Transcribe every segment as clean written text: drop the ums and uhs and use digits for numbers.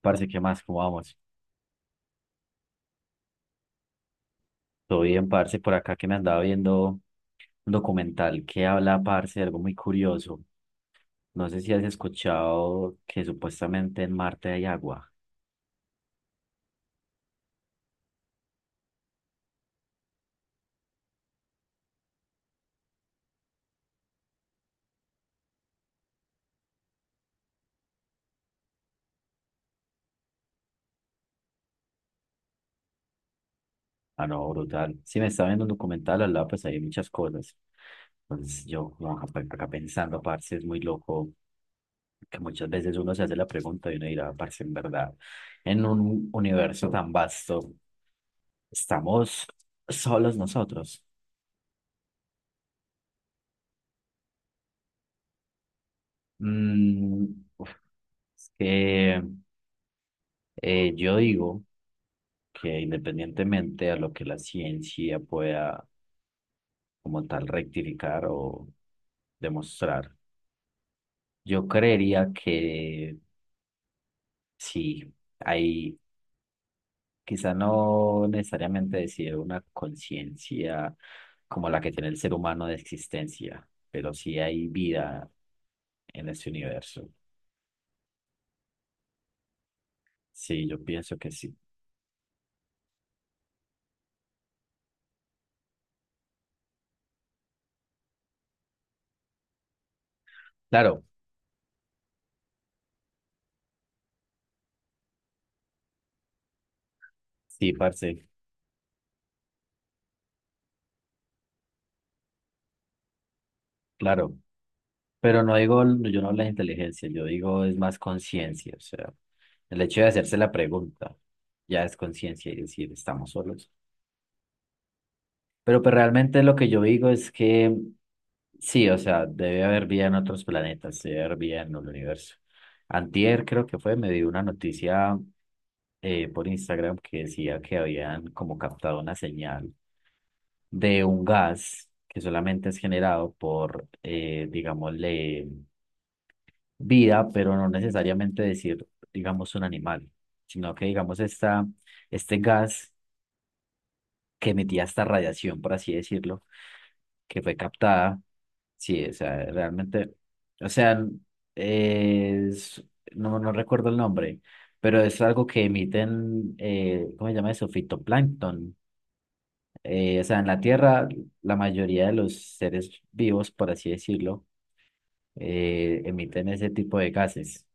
Parce, ¿qué más? ¿Cómo vamos? Todo bien, parce, por acá que me andaba viendo un documental que habla, parce, de algo muy curioso. No sé si has escuchado que supuestamente en Marte hay agua. Ah, no, brutal. Sí, me estaba viendo un documental, al lado pues hay muchas cosas. Entonces yo como acá, pues, acá pensando, parce, es muy loco que muchas veces uno se hace la pregunta y uno dirá, parce, en verdad, en un universo tan vasto, ¿estamos solos nosotros? Mm, uf, es que... yo digo que independientemente a lo que la ciencia pueda como tal rectificar o demostrar, yo creería que sí, hay quizá no necesariamente decir una conciencia como la que tiene el ser humano de existencia, pero sí hay vida en este universo. Sí, yo pienso que sí. Claro, sí, parce, claro. Pero no digo, yo no hablo de inteligencia, yo digo es más conciencia, o sea, el hecho de hacerse la pregunta ya es conciencia y decir, estamos solos. Pero pues realmente lo que yo digo es que sí, o sea, debe haber vida en otros planetas, debe haber vida en el universo. Antier creo que fue, me dio una noticia por Instagram que decía que habían como captado una señal de un gas que solamente es generado por, digámosle, vida, pero no necesariamente decir, digamos, un animal, sino que, digamos, este gas que emitía esta radiación, por así decirlo, que fue captada, sí, o sea, realmente, o sea, es, no recuerdo el nombre, pero es algo que emiten, ¿cómo se llama eso? Fitoplancton. O sea, en la Tierra, la mayoría de los seres vivos, por así decirlo, emiten ese tipo de gases.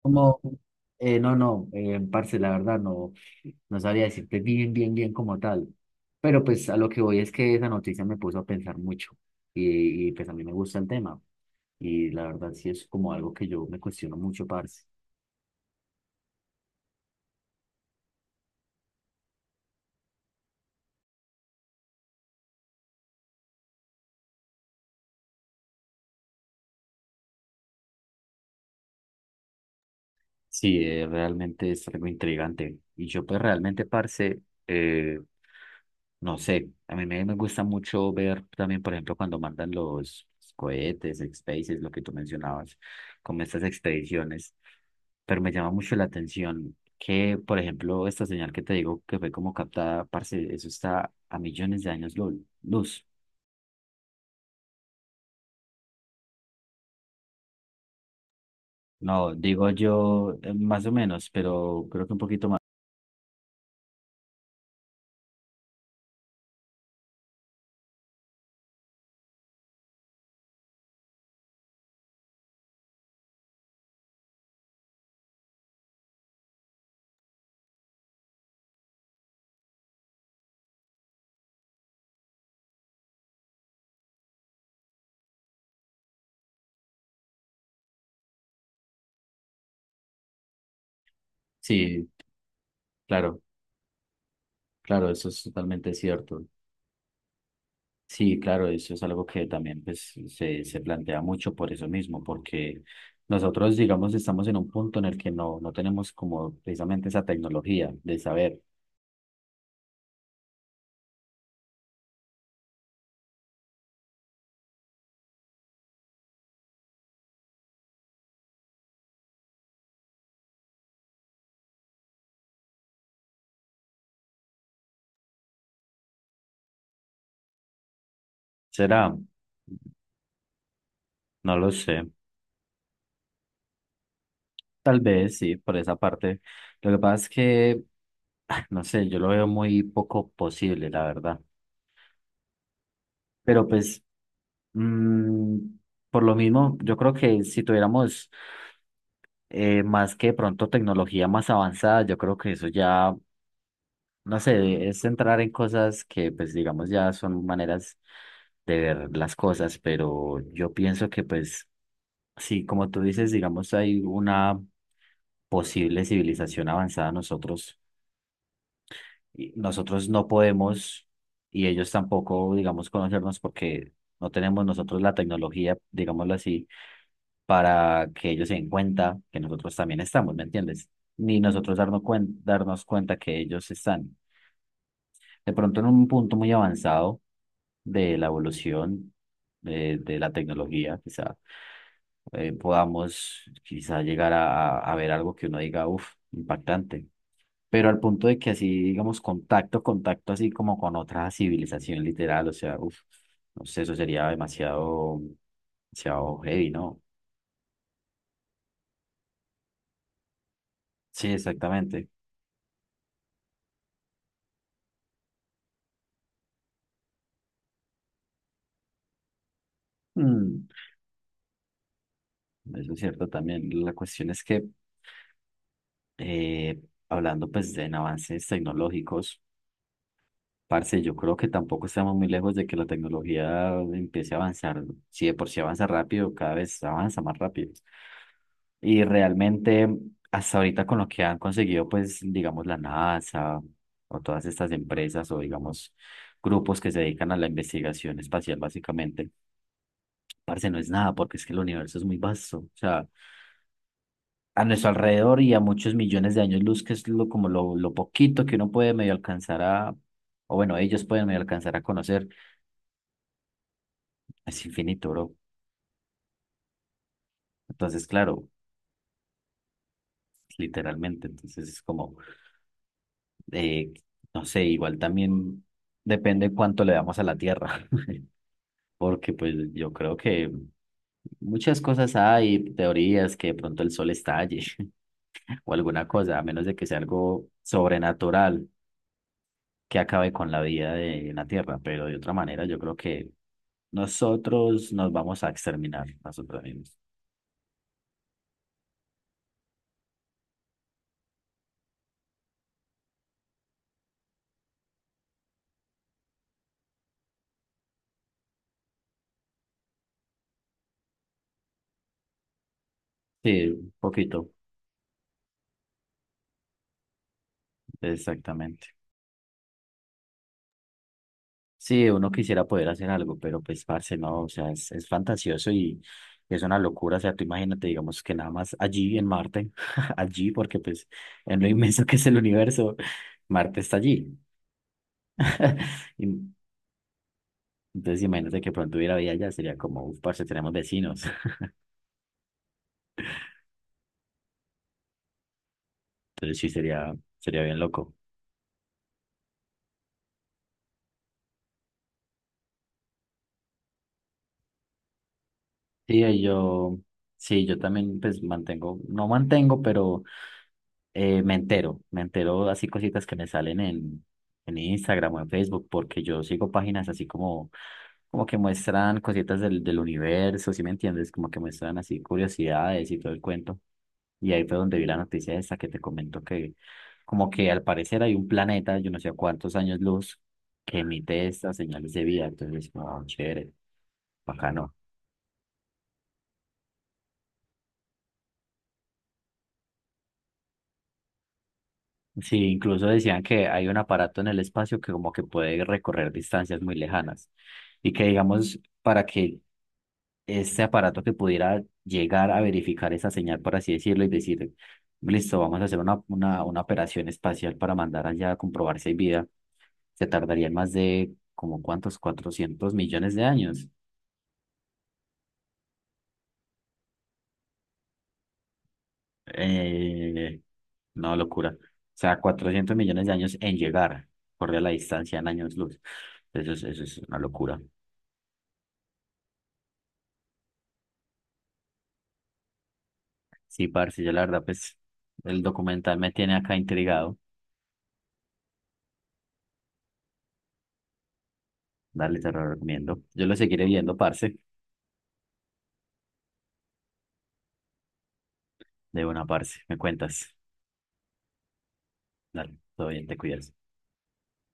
Como, no, parce, la verdad no, no sabría decirte bien, bien como tal. Pero pues a lo que voy es que esa noticia me puso a pensar mucho y pues a mí me gusta el tema y la verdad sí es como algo que yo me cuestiono mucho, parce. Sí, realmente es algo intrigante y yo pues realmente, parce, eh, no sé, a me gusta mucho ver también, por ejemplo, cuando mandan los cohetes, spaces, lo que tú mencionabas, como estas expediciones, pero me llama mucho la atención que, por ejemplo, esta señal que te digo que fue como captada, parce, eso está a millones de años luz. No, digo yo más o menos, pero creo que un poquito más. Sí, claro, claro, eso es totalmente cierto. Sí, claro, eso es algo que también pues, se plantea mucho por eso mismo, porque nosotros, digamos, estamos en un punto en el que no tenemos como precisamente esa tecnología de saber. ¿Será? No lo sé. Tal vez sí, por esa parte. Lo que pasa es que, ah, no sé, yo lo veo muy poco posible, la verdad. Pero pues, mm, por lo mismo, yo creo que si tuviéramos más que de pronto tecnología más avanzada, yo creo que eso ya no sé, es entrar en cosas que pues digamos ya son maneras de ver las cosas, pero yo pienso que pues sí, como tú dices, digamos hay una posible civilización avanzada nosotros y nosotros no podemos y ellos tampoco, digamos, conocernos porque no tenemos nosotros la tecnología, digámoslo así, para que ellos se den cuenta que nosotros también estamos, ¿me entiendes? Ni nosotros darnos darnos cuenta que ellos están. De pronto en un punto muy avanzado de la evolución de la tecnología, quizá podamos quizá llegar a ver algo que uno diga, uff, impactante. Pero al punto de que así, digamos, contacto así como con otra civilización literal, o sea, uff, no sé, eso sería demasiado, demasiado heavy, ¿no? Sí, exactamente. Mm, eso es cierto también. La cuestión es que, eh, hablando pues de en avances tecnológicos, parce, yo creo que tampoco estamos muy lejos de que la tecnología empiece a avanzar. Si de por sí avanza rápido, cada vez avanza más rápido. Y realmente, hasta ahorita con lo que han conseguido, pues, digamos, la NASA o todas estas empresas o, digamos, grupos que se dedican a la investigación espacial, básicamente, parce, no es nada, porque es que el universo es muy vasto. O sea, a nuestro alrededor y a muchos millones de años luz, que es lo, como lo poquito que uno puede medio alcanzar a, o bueno, ellos pueden medio alcanzar a conocer. Es infinito, bro. Entonces, claro, literalmente. Entonces es como, eh, no sé, igual también depende cuánto le damos a la Tierra. Porque pues yo creo que muchas cosas hay, teorías que de pronto el sol estalle o alguna cosa, a menos de que sea algo sobrenatural que acabe con la vida de la Tierra. Pero de otra manera, yo creo que nosotros nos vamos a exterminar nosotros mismos. Sí, un poquito, exactamente. Sí, uno quisiera poder hacer algo, pero pues, parce, no, o sea, es fantasioso y es una locura, o sea, tú imagínate, digamos, que nada más allí en Marte, allí, porque pues, en lo inmenso que es el universo, Marte está allí. Y entonces, imagínate que pronto hubiera vida allá, sería como, uff, parce, tenemos vecinos. Entonces sí, sería, sería bien loco. Sí, y yo, sí, yo también, pues, mantengo, no mantengo, pero me entero, así cositas que me salen en Instagram o en Facebook, porque yo sigo páginas así como, como que muestran cositas del universo, ¿sí me entiendes? Como que muestran así curiosidades y todo el cuento. Y ahí fue donde vi la noticia esta que te comento que como que al parecer hay un planeta, yo no sé a cuántos años luz, que emite estas señales de vida. Entonces, como, "Oh, chévere, bacano". Sí, incluso decían que hay un aparato en el espacio que como que puede recorrer distancias muy lejanas y que digamos para que este aparato que pudiera llegar a verificar esa señal, por así decirlo, y decir, listo, vamos a hacer una operación espacial para mandar allá a comprobar si hay vida, se tardarían más de como cuántos, 400 millones de años. Eh, no, locura. O sea, 400 millones de años en llegar, corre la distancia en años luz. Eso es una locura. Sí, parce, yo la verdad, pues el documental me tiene acá intrigado. Dale, te lo recomiendo. Yo lo seguiré viendo, parce. De una, parce. Me cuentas. Dale, todo bien, te cuidas.